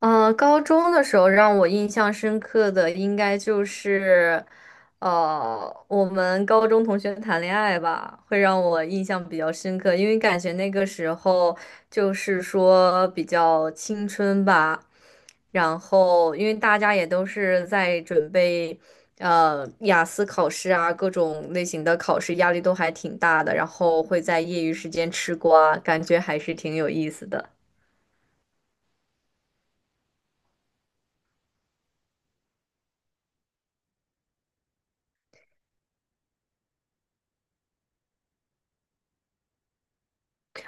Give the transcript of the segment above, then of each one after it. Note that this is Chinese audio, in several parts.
高中的时候让我印象深刻的应该就是，我们高中同学谈恋爱吧，会让我印象比较深刻，因为感觉那个时候就是说比较青春吧，然后因为大家也都是在准备，雅思考试啊，各种类型的考试，压力都还挺大的，然后会在业余时间吃瓜，感觉还是挺有意思的。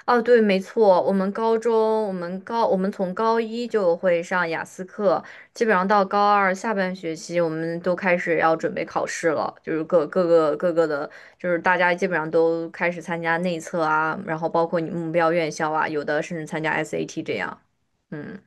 哦，对，没错，我们高中，我们高，我们从高一就会上雅思课，基本上到高二下半学期，我们都开始要准备考试了，就是各个的，就是大家基本上都开始参加内测啊，然后包括你目标院校啊，有的甚至参加 SAT 这样，嗯。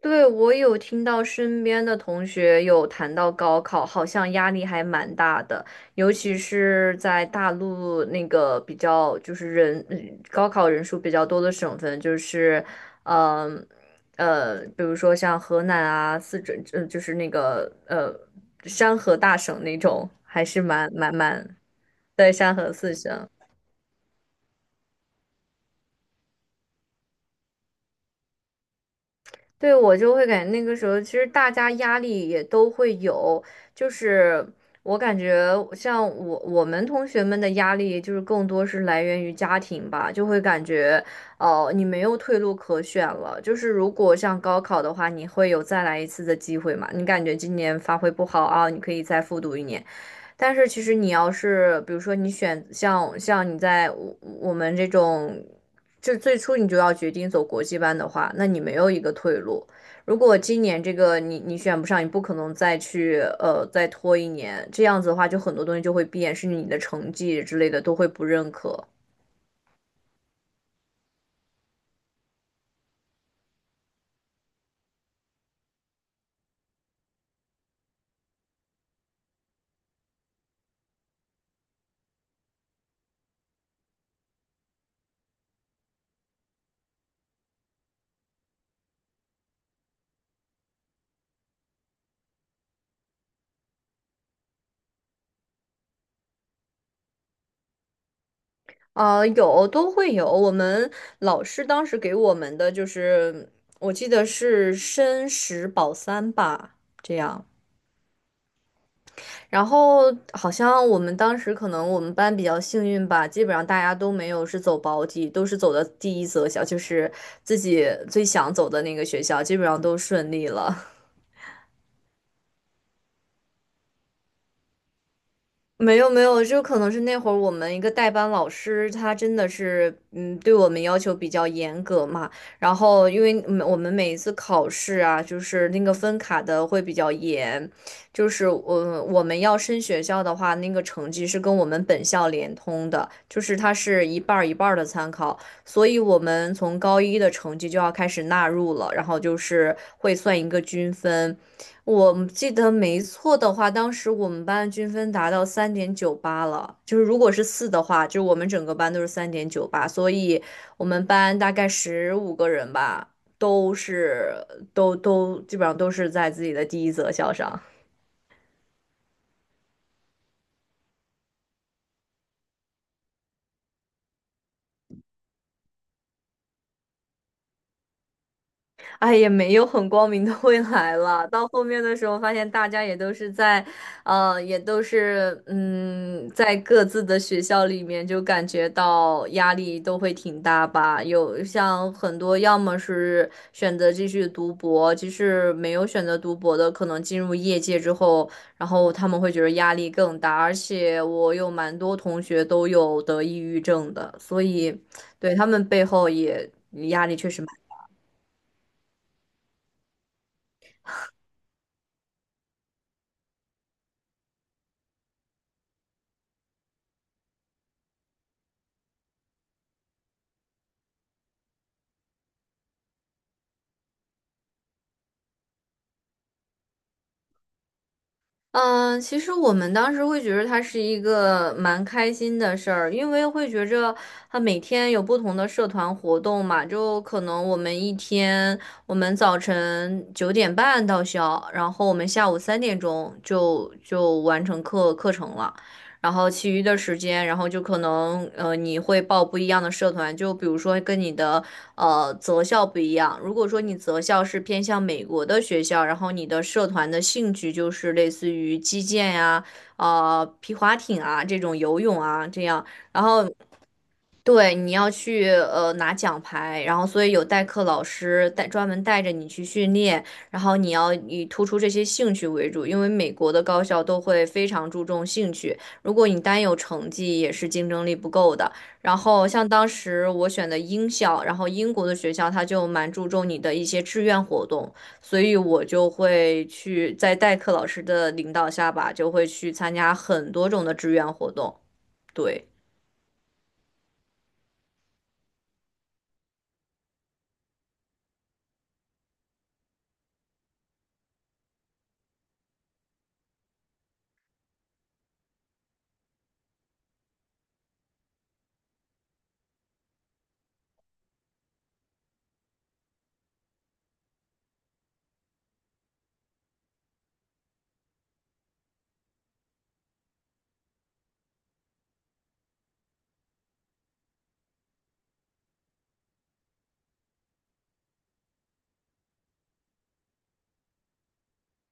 对，我有听到身边的同学有谈到高考，好像压力还蛮大的，尤其是在大陆那个比较就是高考人数比较多的省份，就是嗯比如说像河南啊、四川，就是那个山河大省那种，还是蛮。对，山河四省。对，我就会感觉那个时候，其实大家压力也都会有，就是我感觉像我们同学们的压力，就是更多是来源于家庭吧，就会感觉，哦、你没有退路可选了。就是如果像高考的话，你会有再来一次的机会嘛？你感觉今年发挥不好啊，你可以再复读一年。但是其实你要是，比如说你选像你在我们这种，就最初你就要决定走国际班的话，那你没有一个退路。如果今年这个你选不上，你不可能再去再拖一年，这样子的话，就很多东西就会变，甚至你的成绩之类的都会不认可。啊，有都会有。我们老师当时给我们的就是，我记得是申十保三吧，这样。然后好像我们当时可能我们班比较幸运吧，基本上大家都没有是走保底，都是走的第一择校，就是自己最想走的那个学校，基本上都顺利了。没有没有，就可能是那会儿我们一个代班老师，他真的是，对我们要求比较严格嘛。然后，因为我们每一次考试啊，就是那个分卡的会比较严，就是我们要升学校的话，那个成绩是跟我们本校联通的，就是它是一半儿一半儿的参考，所以我们从高一的成绩就要开始纳入了，然后就是会算一个均分。我记得没错的话，当时我们班均分达到三点九八了，就是如果是四的话，就是我们整个班都是三点九八，所以我们班大概15个人吧，都是都都基本上都是在自己的第一择校上。哎，也没有很光明的未来了。到后面的时候，发现大家也都是在，也都是，在各自的学校里面，就感觉到压力都会挺大吧。有像很多，要么是选择继续读博，即使没有选择读博的，可能进入业界之后，然后他们会觉得压力更大。而且我有蛮多同学都有得抑郁症的，所以对他们背后也压力确实。蛮。嗯，其实我们当时会觉得它是一个蛮开心的事儿，因为会觉着它每天有不同的社团活动嘛，就可能我们一天，我们早晨9点半到校，然后我们下午3点钟就完成课程了，然后其余的时间，然后就可能你会报不一样的社团，就比如说跟你的择校不一样。如果说你择校是偏向美国的学校，然后你的社团的兴趣就是类似于击剑呀、皮划艇啊这种游泳啊这样，然后对，你要去拿奖牌，然后所以有代课老师带专门带着你去训练，然后你要以突出这些兴趣为主，因为美国的高校都会非常注重兴趣，如果你单有成绩也是竞争力不够的。然后像当时我选的英校，然后英国的学校他就蛮注重你的一些志愿活动，所以我就会去在代课老师的领导下吧，就会去参加很多种的志愿活动，对。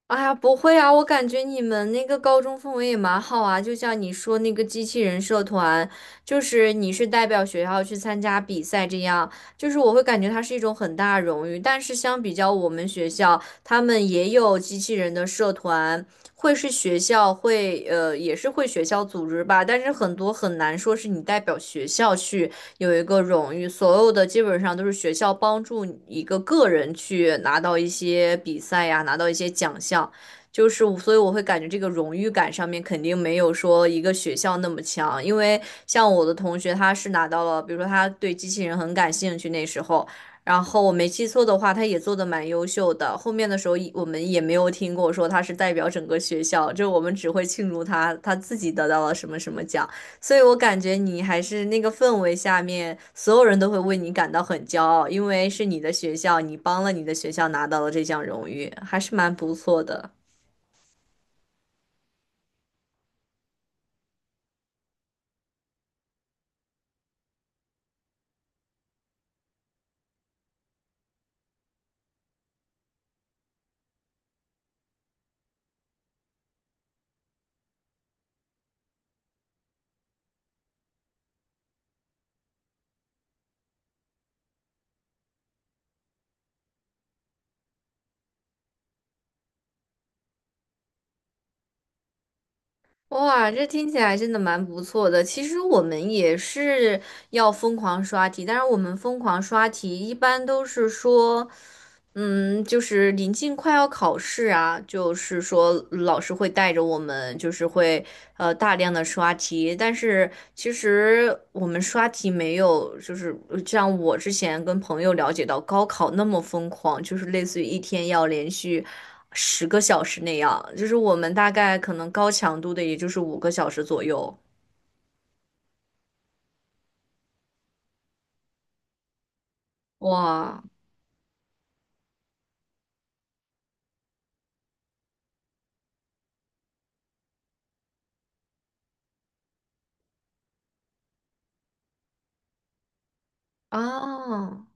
哎呀，不会啊，我感觉你们那个高中氛围也蛮好啊，就像你说那个机器人社团，就是你是代表学校去参加比赛这样，就是我会感觉它是一种很大的荣誉。但是相比较我们学校，他们也有机器人的社团，会是学校会也是会学校组织吧，但是很多很难说是你代表学校去。有一个荣誉，所有的基本上都是学校帮助一个个人去拿到一些比赛呀，拿到一些奖项，就是我所以我会感觉这个荣誉感上面肯定没有说一个学校那么强，因为像我的同学他是拿到了，比如说他对机器人很感兴趣那时候。然后我没记错的话，他也做的蛮优秀的。后面的时候，我们也没有听过说他是代表整个学校，就我们只会庆祝他自己得到了什么什么奖。所以我感觉你还是那个氛围下面，所有人都会为你感到很骄傲，因为是你的学校，你帮了你的学校拿到了这项荣誉，还是蛮不错的。哇，这听起来真的蛮不错的。其实我们也是要疯狂刷题，但是我们疯狂刷题一般都是说，就是临近快要考试啊，就是说老师会带着我们，就是会大量的刷题，但是其实我们刷题没有，就是像我之前跟朋友了解到高考那么疯狂，就是类似于一天要连续10个小时那样，就是我们大概可能高强度的也就是5个小时左右。哇啊！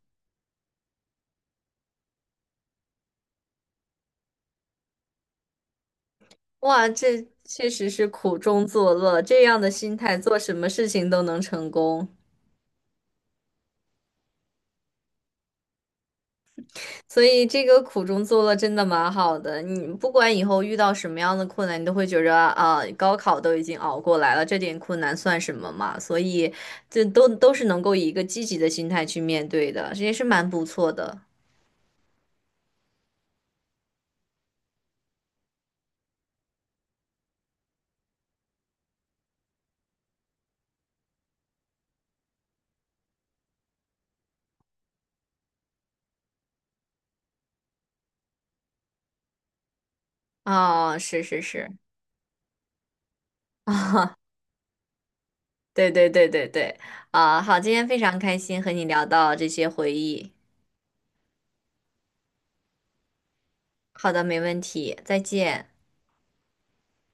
哇，这确实是苦中作乐，这样的心态做什么事情都能成功，所以这个苦中作乐真的蛮好的。你不管以后遇到什么样的困难，你都会觉着啊，高考都已经熬过来了，这点困难算什么嘛？所以这都是能够以一个积极的心态去面对的，这也是蛮不错的啊。是是是 啊，对对对对对啊，好，今天非常开心和你聊到这些回忆。好的，没问题，再见。